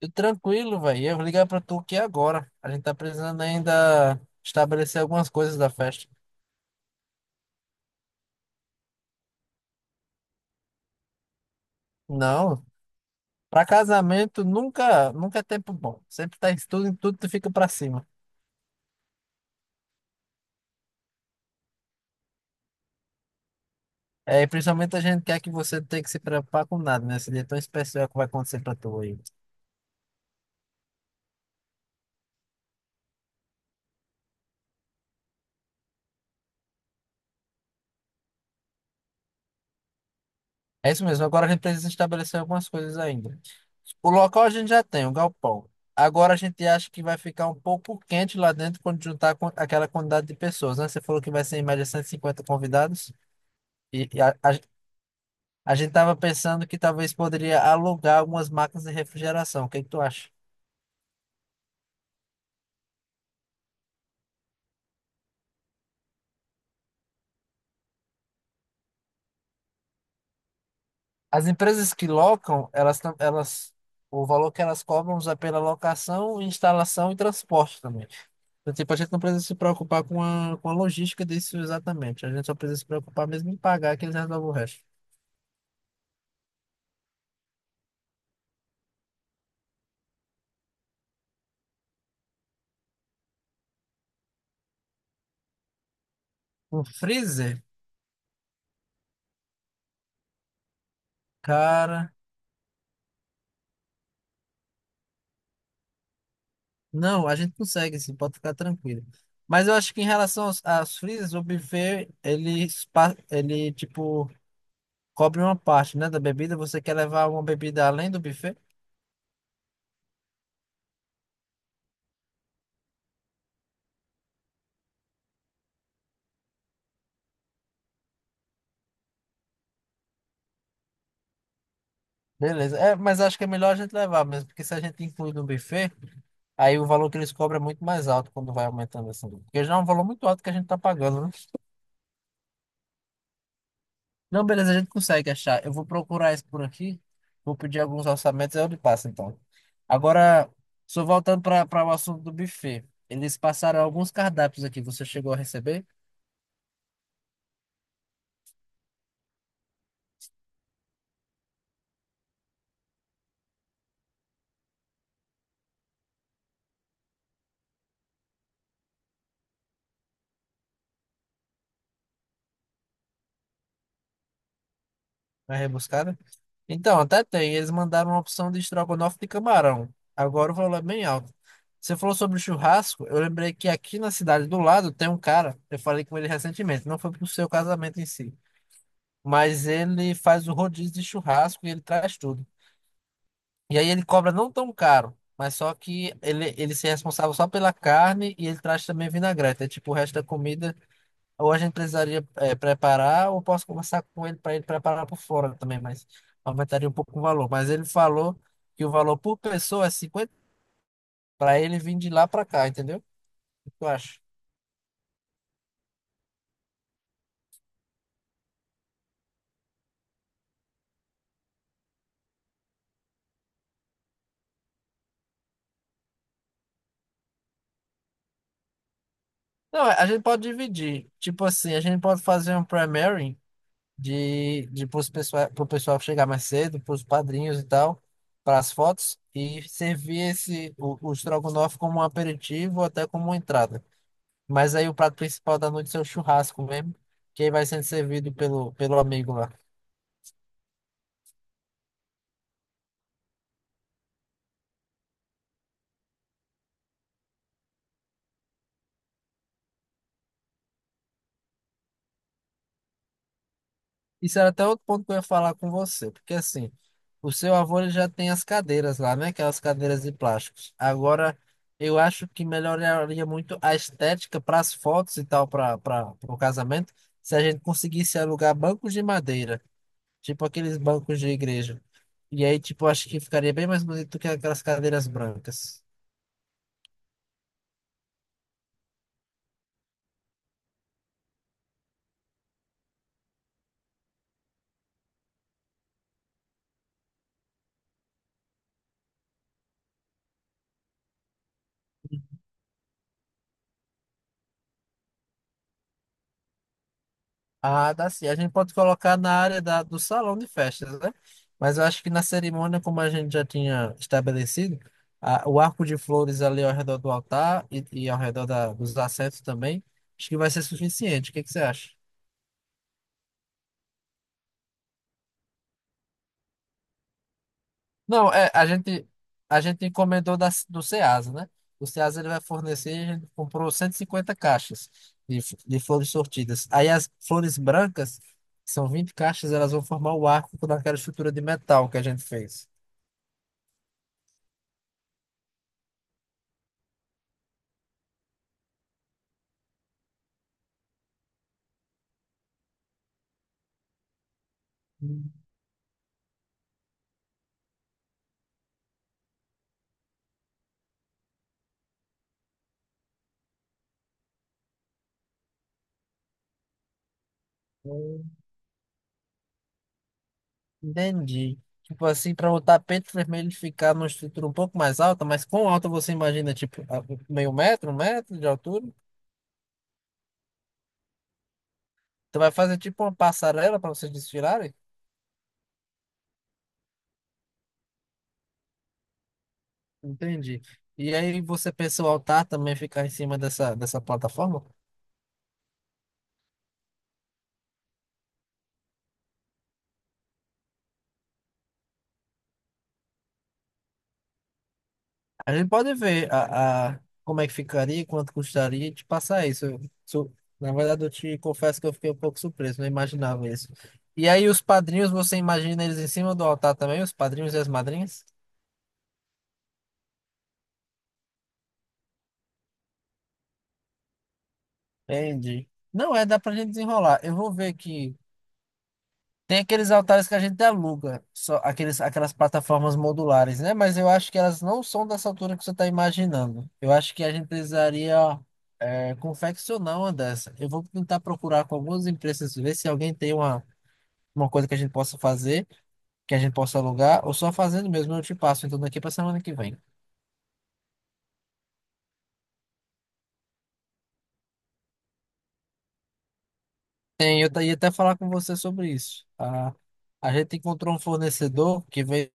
Eu Tranquilo, velho. Eu vou ligar pra tu aqui agora. A gente tá precisando ainda estabelecer algumas coisas da festa. Não, pra casamento nunca, nunca é tempo bom. Sempre tá em tudo tu fica pra cima. É, e principalmente a gente quer que você não tenha que se preocupar com nada, né? Esse dia tão especial que vai acontecer pra tu aí. É isso mesmo. Agora a gente precisa estabelecer algumas coisas ainda. O local a gente já tem, o galpão. Agora a gente acha que vai ficar um pouco quente lá dentro quando juntar com aquela quantidade de pessoas, né? Você falou que vai ser em média 150 convidados. E, e a, a, a gente estava pensando que talvez poderia alugar algumas máquinas de refrigeração. O que que tu acha? As empresas que locam, o valor que elas cobram é pela locação, instalação e transporte também. Então, tipo, a gente não precisa se preocupar com a logística disso exatamente. A gente só precisa se preocupar mesmo em pagar que eles resolvem o resto. Um freezer? Cara, não, a gente consegue, sim, pode ficar tranquilo. Mas eu acho que em relação aos freezers, o buffet, ele, tipo, cobre uma parte, né, da bebida. Você quer levar uma bebida além do buffet? Beleza. É, mas acho que é melhor a gente levar mesmo, porque se a gente inclui no buffet, aí o valor que eles cobram é muito mais alto quando vai aumentando assim. Porque já é um valor muito alto que a gente tá pagando, né? Não, beleza, a gente consegue achar. Eu vou procurar isso por aqui, vou pedir alguns orçamentos, aí eu lhe passo então. Agora, só voltando para o assunto do buffet. Eles passaram alguns cardápios aqui. Você chegou a receber? Na rebuscada? Então, até tem. Eles mandaram uma opção de estrogonofe de camarão. Agora o valor é bem alto. Você falou sobre o churrasco, eu lembrei que aqui na cidade do lado tem um cara, eu falei com ele recentemente, não foi pro seu casamento em si, mas ele faz o rodízio de churrasco e ele traz tudo. E aí ele cobra não tão caro, mas só que ele se é responsável só pela carne e ele traz também vinagrete, é tipo o resto da comida ou a gente precisaria preparar, ou posso conversar com ele para ele preparar por fora também, mas aumentaria um pouco o valor. Mas ele falou que o valor por pessoa é 50 para ele vir de lá para cá, entendeu? O que tu acha? Não, a gente pode dividir. Tipo assim, a gente pode fazer um primary pro pessoal chegar mais cedo, para os padrinhos e tal, para as fotos, e servir esse, o estrogonofe como um aperitivo ou até como uma entrada. Mas aí o prato principal da noite é o churrasco mesmo, que aí vai sendo servido pelo amigo lá. Isso era até outro ponto que eu ia falar com você, porque assim, o seu avô ele já tem as cadeiras lá, né? Aquelas cadeiras de plásticos. Agora, eu acho que melhoraria muito a estética para as fotos e tal, para o casamento, se a gente conseguisse alugar bancos de madeira, tipo aqueles bancos de igreja. E aí, tipo, acho que ficaria bem mais bonito do que aquelas cadeiras brancas. Ah, dá sim. A gente pode colocar na área do salão de festas, né? Mas eu acho que na cerimônia, como a gente já tinha estabelecido, o arco de flores ali ao redor do altar e ao redor dos assentos também, acho que vai ser suficiente. O que que você acha? Não, é, a gente, A gente encomendou do Ceasa, né? O Ceasa ele vai fornecer, a gente comprou 150 caixas de flores sortidas. Aí as flores brancas, que são 20 caixas, elas vão formar o arco naquela estrutura de metal que a gente fez. Hum, Entendi. Tipo assim, para o tapete vermelho ficar numa estrutura um pouco mais alta, mas quão alta você imagina? Meio metro, um metro de altura? Você vai fazer tipo uma passarela para vocês desfilarem? Entendi. E aí você pensa o altar também ficar em cima dessa plataforma? A gente pode ver como é que ficaria, quanto custaria e te passar isso. Na verdade, eu te confesso que eu fiquei um pouco surpreso, não imaginava isso. E aí os padrinhos, você imagina eles em cima do altar também, os padrinhos e as madrinhas? Entendi. Não, é, Dá pra gente desenrolar. Eu vou ver que tem aqueles altares que a gente aluga, só aqueles, aquelas plataformas modulares, né? Mas eu acho que elas não são dessa altura que você está imaginando. Eu acho que a gente precisaria confeccionar uma dessa. Eu vou tentar procurar com algumas empresas, ver se alguém tem uma coisa que a gente possa fazer, que a gente possa alugar, ou só fazendo mesmo, eu te passo, então daqui para semana que vem. Tem, ia até falar com você sobre isso. A gente encontrou um fornecedor que veio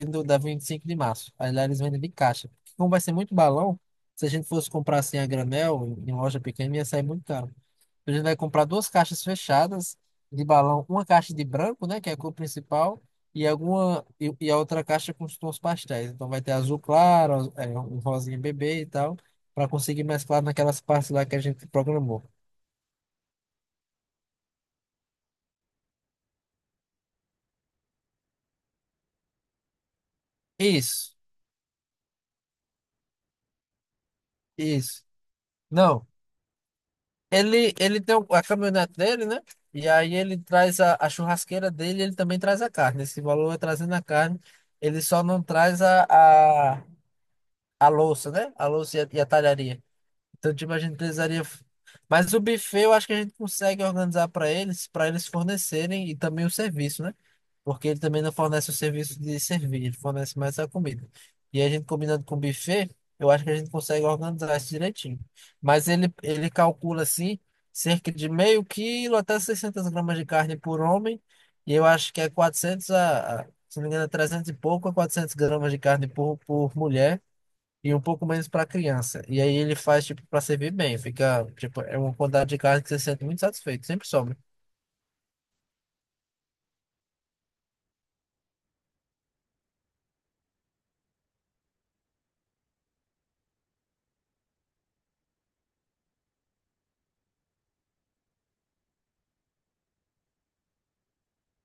do- da 25 de março. Aí lá eles vendem de caixa. Porque como vai ser muito balão, se a gente fosse comprar assim a granel, em loja pequena, ia sair muito caro. A gente vai comprar duas caixas fechadas de balão, uma caixa de branco, né, que é a cor principal, e a outra caixa com os tons pastéis. Então vai ter azul claro, um rosinha bebê e tal, para conseguir mesclar naquelas partes lá que a gente programou. Isso, isso. Não. Ele tem a caminhonete dele, né? E aí ele traz a churrasqueira dele, ele também traz a carne. Esse valor é trazendo a carne. Ele só não traz a louça, né? A louça e a talharia. Então, tipo, a gente precisaria. Mas o buffet eu acho que a gente consegue organizar para eles fornecerem e também o serviço, né? Porque ele também não fornece o serviço de servir, ele fornece mais a comida. E a gente combinando com o buffet, eu acho que a gente consegue organizar isso direitinho. Mas ele calcula assim, cerca de meio quilo até 600 gramas de carne por homem, e eu acho que é 400 se não me engano, é 300 e pouco a 400 gramas de carne por mulher. E um pouco menos para criança. E aí ele faz, tipo, para servir bem. Fica, tipo, é uma quantidade de carne que você se sente muito satisfeito. Sempre sobra.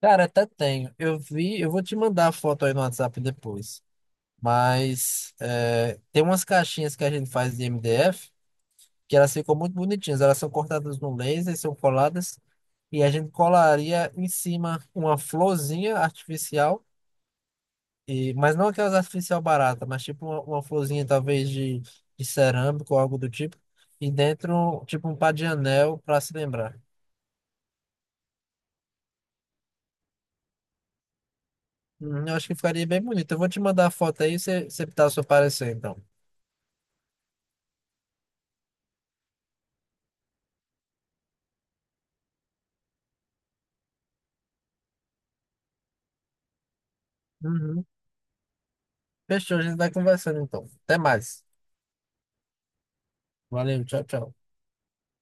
Cara, até tenho. Eu vi, eu vou te mandar a foto aí no WhatsApp depois. Mas é, tem umas caixinhas que a gente faz de MDF que elas ficam muito bonitinhas. Elas são cortadas no laser, são coladas e a gente colaria em cima uma florzinha artificial, mas não aquelas artificial barata, mas tipo uma florzinha talvez de cerâmico ou algo do tipo. E dentro, tipo um par de anel para se lembrar. Eu acho que ficaria bem bonito. Eu vou te mandar a foto aí, e você tá o seu parecer então. Uhum. Fechou, a gente vai conversando então. Até mais. Valeu, tchau, tchau.